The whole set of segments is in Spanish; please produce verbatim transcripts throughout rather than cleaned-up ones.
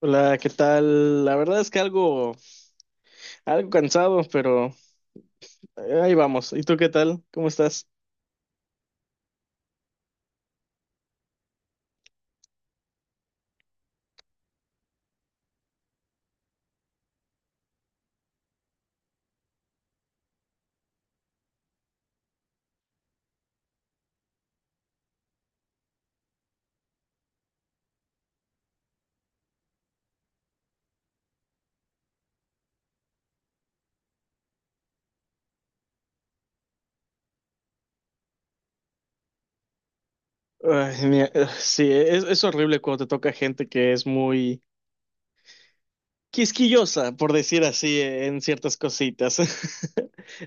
Hola, ¿qué tal? La verdad es que algo, algo cansado, pero eh, ahí vamos. ¿Y tú qué tal? ¿Cómo estás? Ay, mira, eh, sí, es, es horrible cuando te toca gente que es muy quisquillosa, por decir así, eh, en ciertas cositas.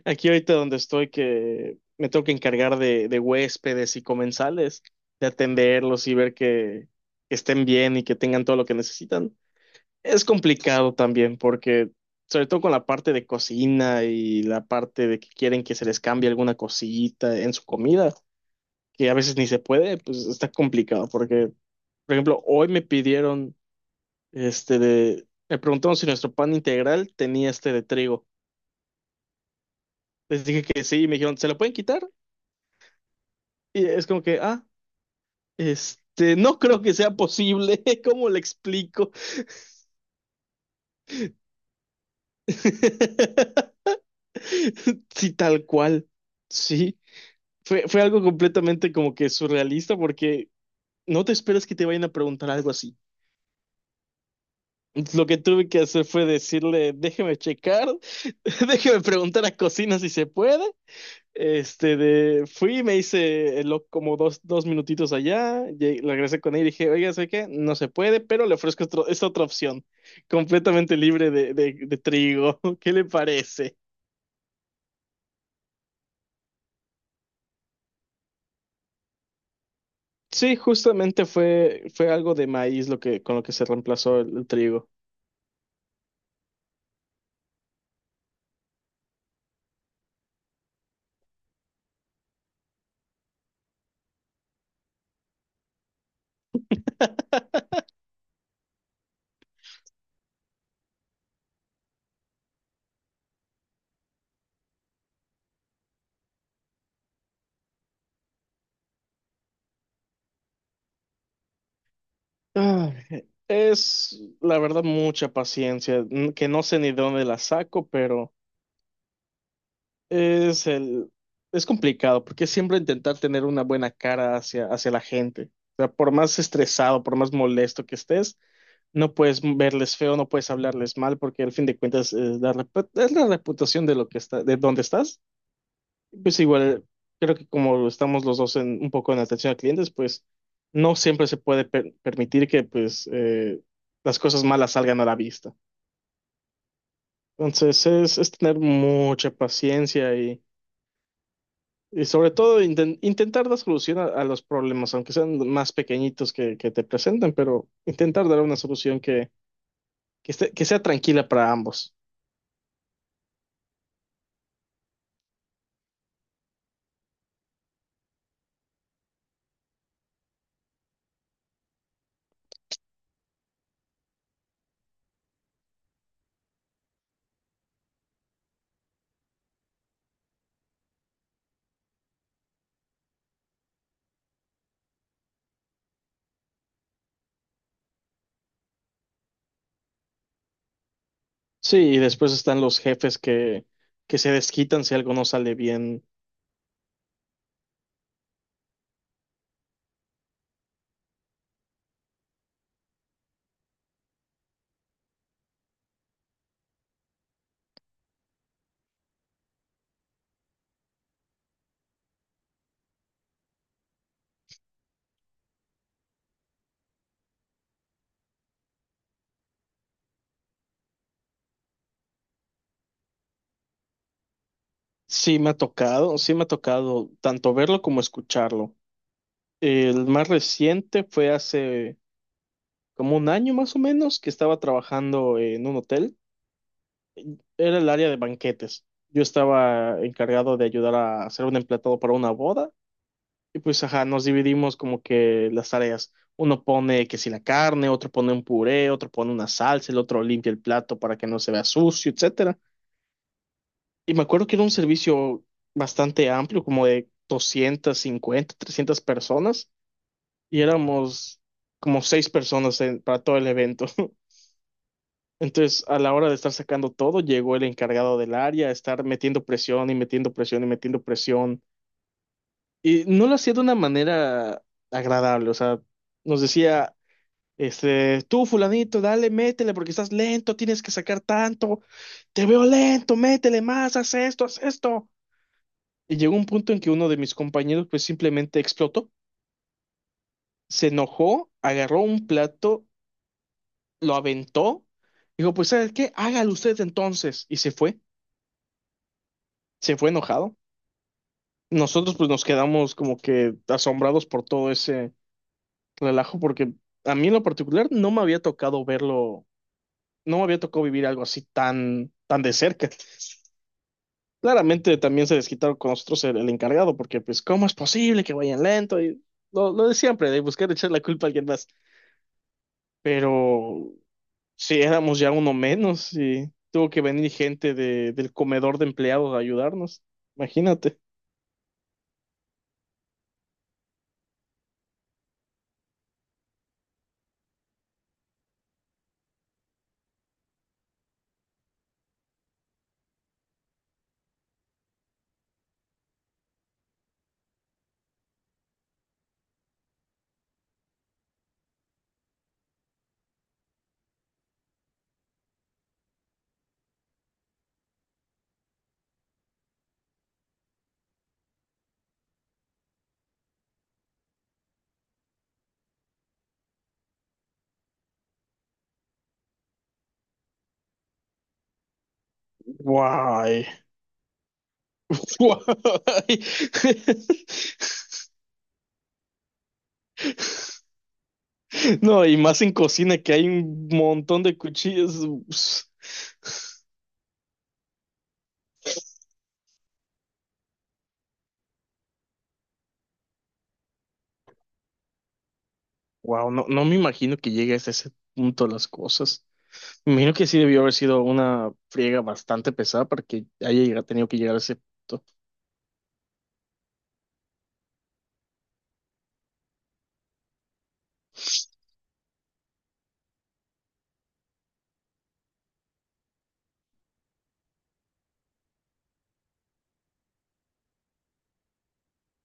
Aquí ahorita donde estoy, que me tengo que encargar de, de huéspedes y comensales, de atenderlos y ver que que estén bien y que tengan todo lo que necesitan. Es complicado también porque, sobre todo con la parte de cocina y la parte de que quieren que se les cambie alguna cosita en su comida, que a veces ni se puede, pues está complicado porque, por ejemplo, hoy me pidieron, este de, me preguntaron si nuestro pan integral tenía este de trigo. Les dije que sí y me dijeron, ¿se lo pueden quitar? Y es como que, ah, este, no creo que sea posible, ¿cómo le explico? Sí, tal cual, sí. Fue, fue algo completamente como que surrealista porque no te esperas que te vayan a preguntar algo así. Lo que tuve que hacer fue decirle, déjeme checar, déjeme preguntar a cocina si se puede. Este, de, fui, me hice el lo- como dos, dos minutitos allá, lle- regresé con él y dije, oiga, sé que no se puede, pero le ofrezco otro- esta otra opción, completamente libre de, de, de trigo. ¿Qué le parece? Sí, justamente fue, fue algo de maíz lo que, con lo que se reemplazó el el trigo. Ah, es, la verdad, mucha paciencia, n- que no sé ni de dónde la saco, pero es el, es complicado, porque siempre intentar tener una buena cara hacia, hacia la gente. O sea, por más estresado, por más molesto que estés, no puedes verles feo, no puedes hablarles mal, porque al fin de cuentas es la, repu- es la reputación de lo que está, de dónde estás. Pues igual, creo que como estamos los dos en, un poco en atención a clientes, pues no siempre se puede per- permitir que pues eh, las cosas malas salgan a la vista. Entonces es, es tener mucha paciencia y, y sobre todo inten- intentar dar solución a, a los problemas, aunque sean más pequeñitos que, que te presenten, pero intentar dar una solución que, que, esté- que sea tranquila para ambos. Sí, y después están los jefes que, que se desquitan si algo no sale bien. Sí me ha tocado, sí me ha tocado tanto verlo como escucharlo. El más reciente fue hace como un año más o menos que estaba trabajando en un hotel. Era el área de banquetes. Yo estaba encargado de ayudar a hacer un emplatado para una boda y pues ajá, nos dividimos como que las tareas. Uno pone que si la carne, otro pone un puré, otro pone una salsa, el otro limpia el plato para que no se vea sucio, etcétera. Y me acuerdo que era un servicio bastante amplio, como de doscientas cincuenta trescientas personas, y éramos como seis personas en- para todo el evento. Entonces, a la hora de estar sacando todo, llegó el encargado del área, a estar metiendo presión y metiendo presión y metiendo presión. Y no lo hacía de una manera agradable, o sea, nos decía, este, tú fulanito, dale, métele porque estás lento, tienes que sacar tanto, te veo lento, métele más, haz esto, haz esto. Y llegó un punto en que uno de mis compañeros pues simplemente explotó, se enojó, agarró un plato, lo aventó, dijo, pues ¿sabes qué? Hágalo usted entonces. Y se fue, se fue enojado. Nosotros pues nos quedamos como que asombrados por todo ese relajo porque a mí en lo particular no me había tocado verlo, no me había tocado vivir algo así tan, tan de cerca. Claramente también se desquitaron con nosotros el, el encargado porque pues ¿cómo es posible que vayan lento? Y lo, lo de siempre, de buscar echar la culpa a alguien más. Pero si éramos ya uno menos y tuvo que venir gente de, del comedor de empleados a ayudarnos. Imagínate. Guay. Guay. No, y más en cocina que hay un montón de cuchillos. Wow, no, no me imagino que llegue hasta ese punto las cosas. Me imagino que sí debió haber sido una friega bastante pesada para que haya llegado- tenido que llegar a ese punto.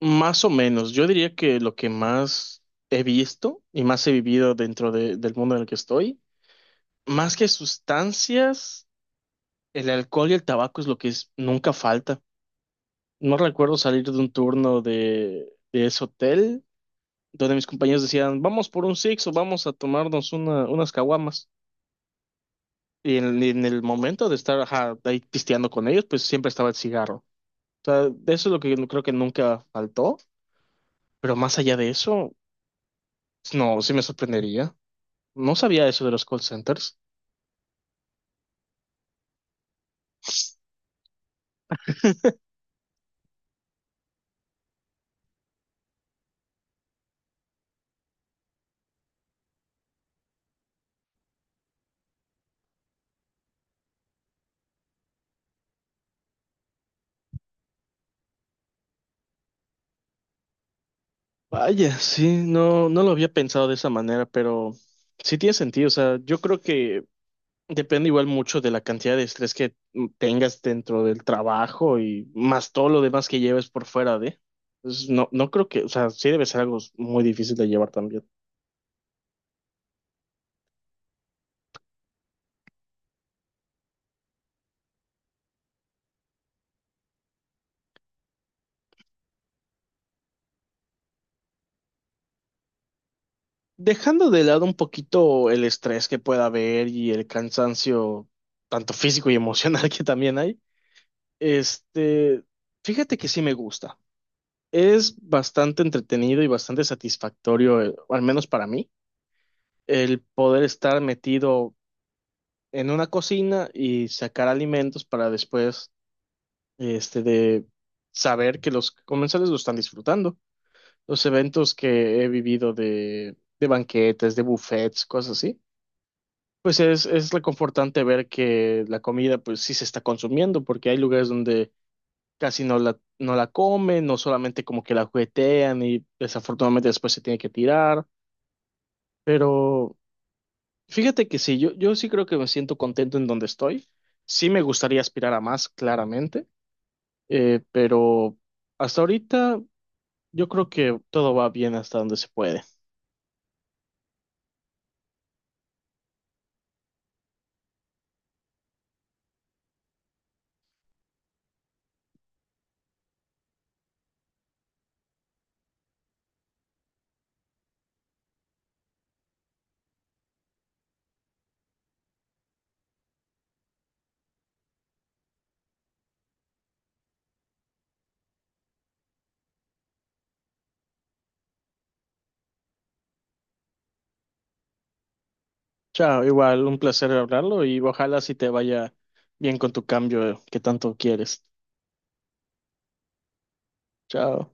Más o menos, yo diría que lo que más he visto y más he vivido dentro de- del mundo en el que estoy, más que sustancias, el alcohol y el tabaco es lo que es- nunca falta. No recuerdo salir de un turno de, de ese hotel donde mis compañeros decían, vamos por un six o vamos a tomarnos una, unas caguamas. Y en, y en el momento de estar ajá, ahí pisteando con ellos, pues siempre estaba el cigarro. O sea, de eso es lo que yo creo que nunca faltó, pero más allá de eso, no, sí me sorprendería. No sabía eso de los call centers. Vaya, sí, no, no lo había pensado de esa manera, pero sí tiene sentido. O sea, yo creo que depende igual mucho de la cantidad de estrés que tengas dentro del trabajo y más todo lo demás que lleves por fuera de. Pues no, no creo que, o sea, sí debe ser algo muy difícil de llevar también. Dejando de lado un poquito el estrés que pueda haber y el cansancio, tanto físico y emocional que también hay, este, fíjate que sí me gusta. Es bastante entretenido y bastante satisfactorio, eh, al menos para mí, el poder estar metido en una cocina y sacar alimentos para después, este, de saber que los comensales lo están disfrutando. Los eventos que he vivido de, de banquetes, de buffets, cosas así, pues es, es reconfortante ver que la comida, pues sí se está consumiendo, porque hay lugares donde casi no la, no la comen, no solamente como que la juguetean y desafortunadamente después se tiene que tirar. Pero fíjate que sí, yo, yo sí creo que me siento contento en donde estoy. Sí me gustaría aspirar a más, claramente, eh, pero hasta ahorita yo creo que todo va bien hasta donde se puede. Chao, igual, un placer hablarlo y ojalá si te vaya bien con tu cambio que tanto quieres. Chao.